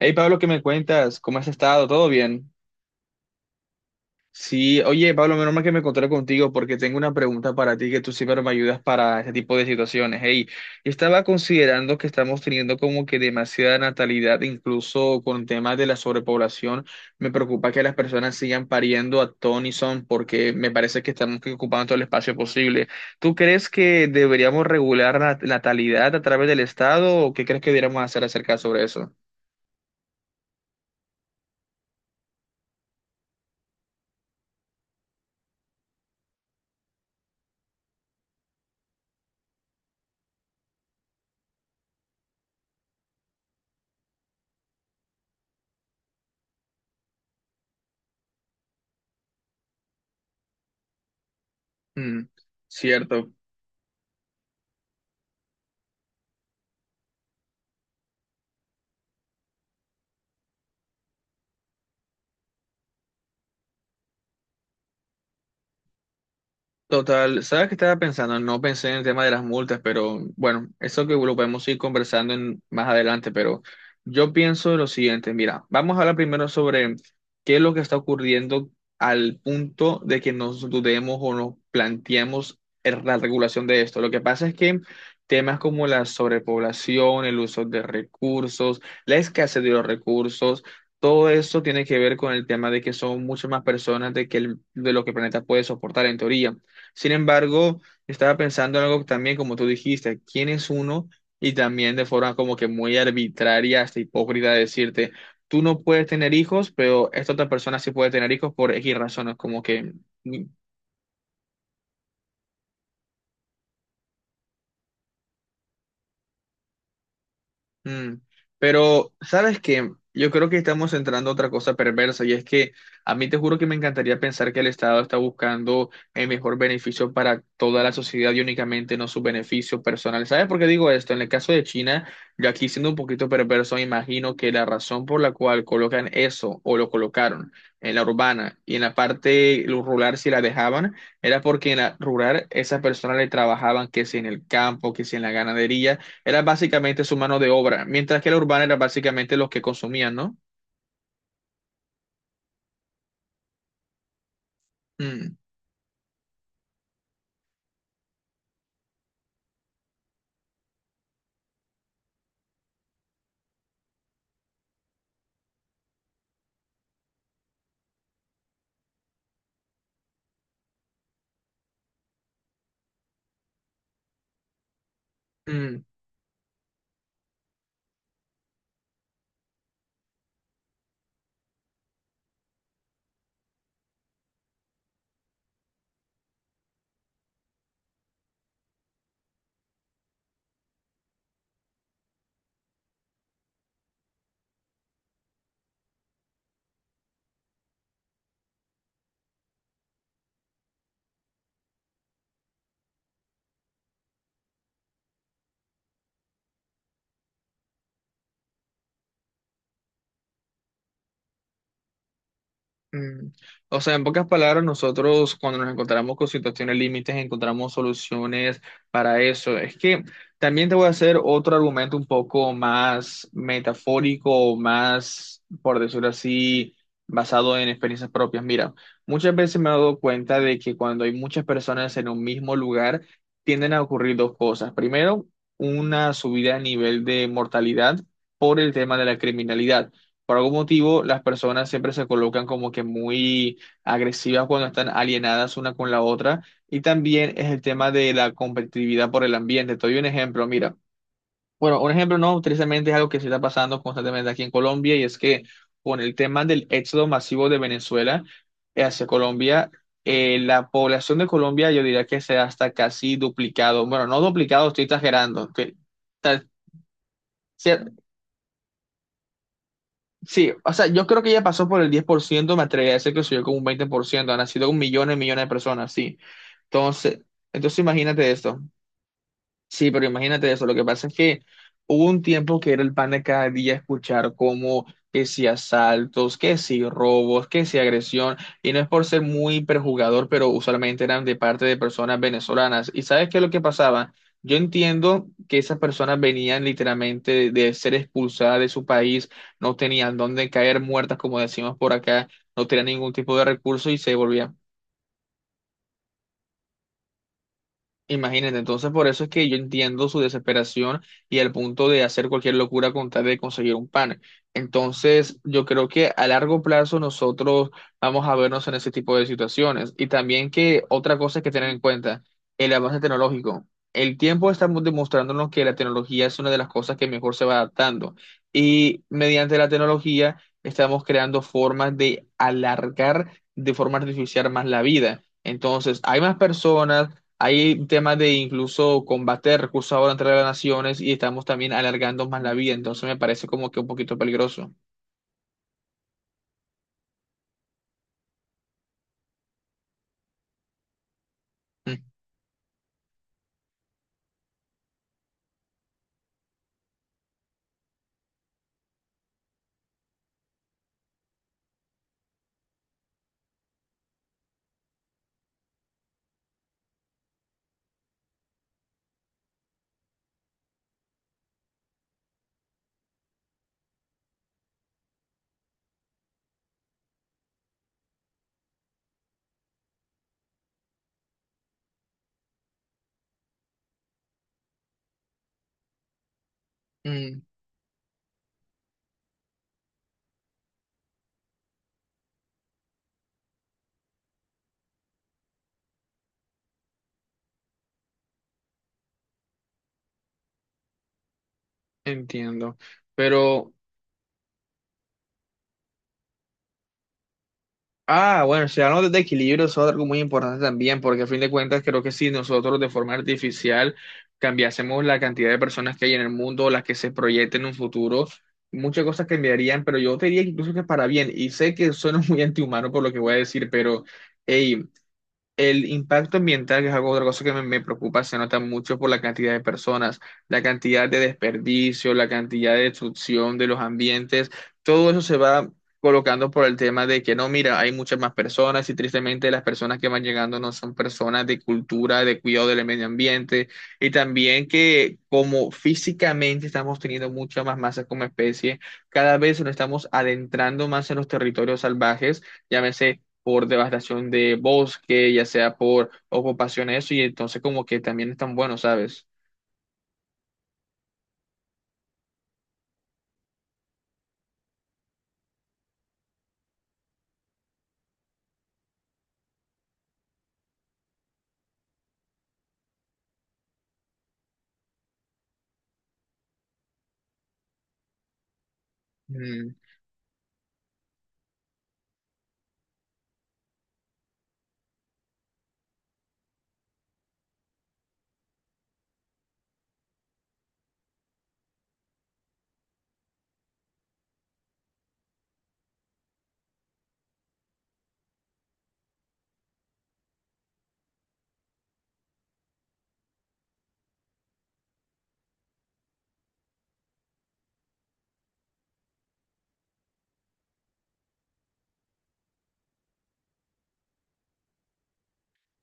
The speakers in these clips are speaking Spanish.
Hey Pablo, ¿qué me cuentas? ¿Cómo has estado? ¿Todo bien? Sí, oye Pablo, menos mal que me encontré contigo porque tengo una pregunta para ti que tú siempre me ayudas para este tipo de situaciones. Hey, yo estaba considerando que estamos teniendo como que demasiada natalidad, incluso con temas de la sobrepoblación. Me preocupa que las personas sigan pariendo a ton y son porque me parece que estamos que ocupando todo el espacio posible. ¿Tú crees que deberíamos regular la natalidad a través del Estado o qué crees que deberíamos hacer acerca sobre eso? Mm, cierto. Total, ¿sabes qué estaba pensando? No pensé en el tema de las multas, pero bueno, eso que lo podemos ir conversando más adelante, pero yo pienso lo siguiente, mira, vamos a hablar primero sobre qué es lo que está ocurriendo al punto de que nos dudemos o nos planteemos la regulación de esto. Lo que pasa es que temas como la sobrepoblación, el uso de recursos, la escasez de los recursos, todo eso tiene que ver con el tema de que son muchas más personas de, que de lo que el planeta puede soportar en teoría. Sin embargo, estaba pensando en algo también, como tú dijiste, ¿quién es uno? Y también de forma como que muy arbitraria, hasta hipócrita, decirte, tú no puedes tener hijos, pero esta otra persona sí puede tener hijos por X razones, como que Mm. Pero, ¿sabes qué? Yo creo que estamos entrando a otra cosa perversa y es que a mí te juro que me encantaría pensar que el Estado está buscando el mejor beneficio para toda la sociedad y únicamente no su beneficio personal. ¿Sabes por qué digo esto? En el caso de China, yo aquí siendo un poquito perverso, imagino que la razón por la cual colocan eso o lo colocaron en la urbana y en la parte rural si la dejaban, era porque en la rural esas personas le trabajaban que si en el campo, que si en la ganadería era básicamente su mano de obra, mientras que la urbana era básicamente los que consumían, ¿no? Mm, mm. Mm. O sea, en pocas palabras, nosotros cuando nos encontramos con situaciones límites, encontramos soluciones para eso. Es que también te voy a hacer otro argumento un poco más metafórico, o más, por decirlo así, basado en experiencias propias. Mira, muchas veces me he dado cuenta de que cuando hay muchas personas en un mismo lugar, tienden a ocurrir dos cosas. Primero, una subida a nivel de mortalidad por el tema de la criminalidad. Por algún motivo, las personas siempre se colocan como que muy agresivas cuando están alienadas una con la otra. Y también es el tema de la competitividad por el ambiente. Te doy un ejemplo, mira. Bueno, un ejemplo no, tristemente es algo que se está pasando constantemente aquí en Colombia y es que con el tema del éxodo masivo de Venezuela hacia Colombia, la población de Colombia yo diría que se ha hasta casi duplicado. Bueno, no duplicado, estoy exagerando. Que- Sí, o sea, yo creo que ya pasó por el 10%, me atrevería a decir que subió como un 20%. Han nacido millones y millones de personas, sí. Entonces, imagínate esto. Sí, pero imagínate eso. Lo que pasa es que hubo un tiempo que era el pan de cada día escuchar como que si asaltos, que si robos, que si agresión. Y no es por ser muy perjugador, pero usualmente eran de parte de personas venezolanas. ¿Y sabes qué es lo que pasaba? Yo entiendo que esas personas venían literalmente de ser expulsadas de su país, no tenían dónde caer muertas, como decimos por acá, no tenían ningún tipo de recurso y se volvían. Imagínate, entonces por eso es que yo entiendo su desesperación y el punto de hacer cualquier locura con tal de conseguir un pan. Entonces, yo creo que a largo plazo nosotros vamos a vernos en ese tipo de situaciones. Y también que otra cosa que tener en cuenta, el avance tecnológico. El tiempo está demostrándonos que la tecnología es una de las cosas que mejor se va adaptando. Y mediante la tecnología estamos creando formas de alargar de forma artificial más la vida. Entonces, hay más personas, hay temas de incluso combate de recursos ahora entre las naciones y estamos también alargando más la vida, entonces me parece como que un poquito peligroso. Mm, mm, entiendo. Pero, ah, bueno, si hablamos de equilibrio, eso es algo muy importante también, porque a fin de cuentas creo que si nosotros de forma artificial cambiásemos la cantidad de personas que hay en el mundo, las que se proyecten en un futuro, muchas cosas cambiarían, pero yo te diría incluso que para bien, y sé que suena muy antihumano por lo que voy a decir, pero... hey. El impacto ambiental, que es algo otra cosa que me preocupa, se nota mucho por la cantidad de personas, la cantidad de desperdicio, la cantidad de destrucción de los ambientes, todo eso se va colocando por el tema de que no, mira, hay muchas más personas y tristemente las personas que van llegando no son personas de cultura, de cuidado del medio ambiente y también que como físicamente estamos teniendo mucha más masa como especie, cada vez nos estamos adentrando más en los territorios salvajes, llámese por devastación de bosque, ya sea por ocupación, eso, y entonces como que también están buenos, ¿sabes?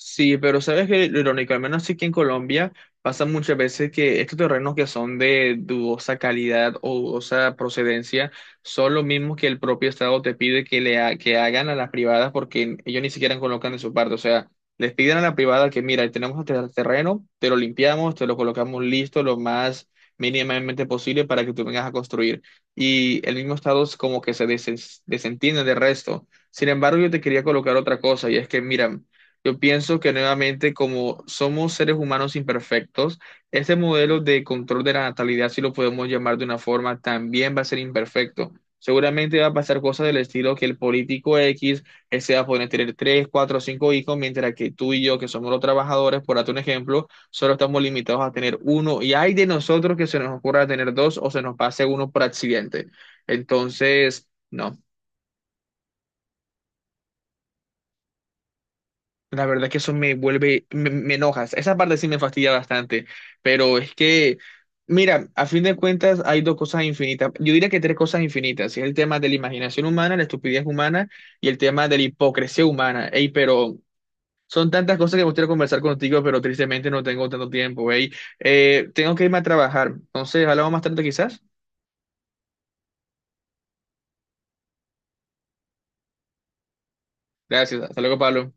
Sí, pero sabes que lo irónico, al menos aquí en Colombia, pasa muchas veces que estos terrenos que son de dudosa calidad o dudosa procedencia son los mismos que el propio Estado te pide que que hagan a las privadas porque ellos ni siquiera colocan de su parte. O sea, les piden a la privada que, mira, tenemos este terreno, te lo limpiamos, te lo colocamos listo lo más mínimamente posible para que tú vengas a construir. Y el mismo Estado es como que desentiende del resto. Sin embargo, yo te quería colocar otra cosa y es que, mira, yo pienso que nuevamente, como somos seres humanos imperfectos, este modelo de control de la natalidad, si lo podemos llamar de una forma, también va a ser imperfecto. Seguramente va a pasar cosas del estilo que el político X, él se va a poder tener tres, cuatro, cinco hijos, mientras que tú y yo, que somos los trabajadores, por darte un ejemplo, solo estamos limitados a tener uno. Y hay de nosotros que se nos ocurra tener dos o se nos pase uno por accidente. Entonces, no. La verdad que eso me enoja. Esa parte sí me fastidia bastante, pero es que, mira, a fin de cuentas hay dos cosas infinitas. Yo diría que tres cosas infinitas. Es el tema de la imaginación humana, la estupidez humana y el tema de la hipocresía humana. Ey, pero son tantas cosas que me gustaría conversar contigo, pero tristemente no tengo tanto tiempo. Ey, tengo que irme a trabajar. Entonces, hablamos más tarde quizás. Gracias. Hasta luego, Pablo.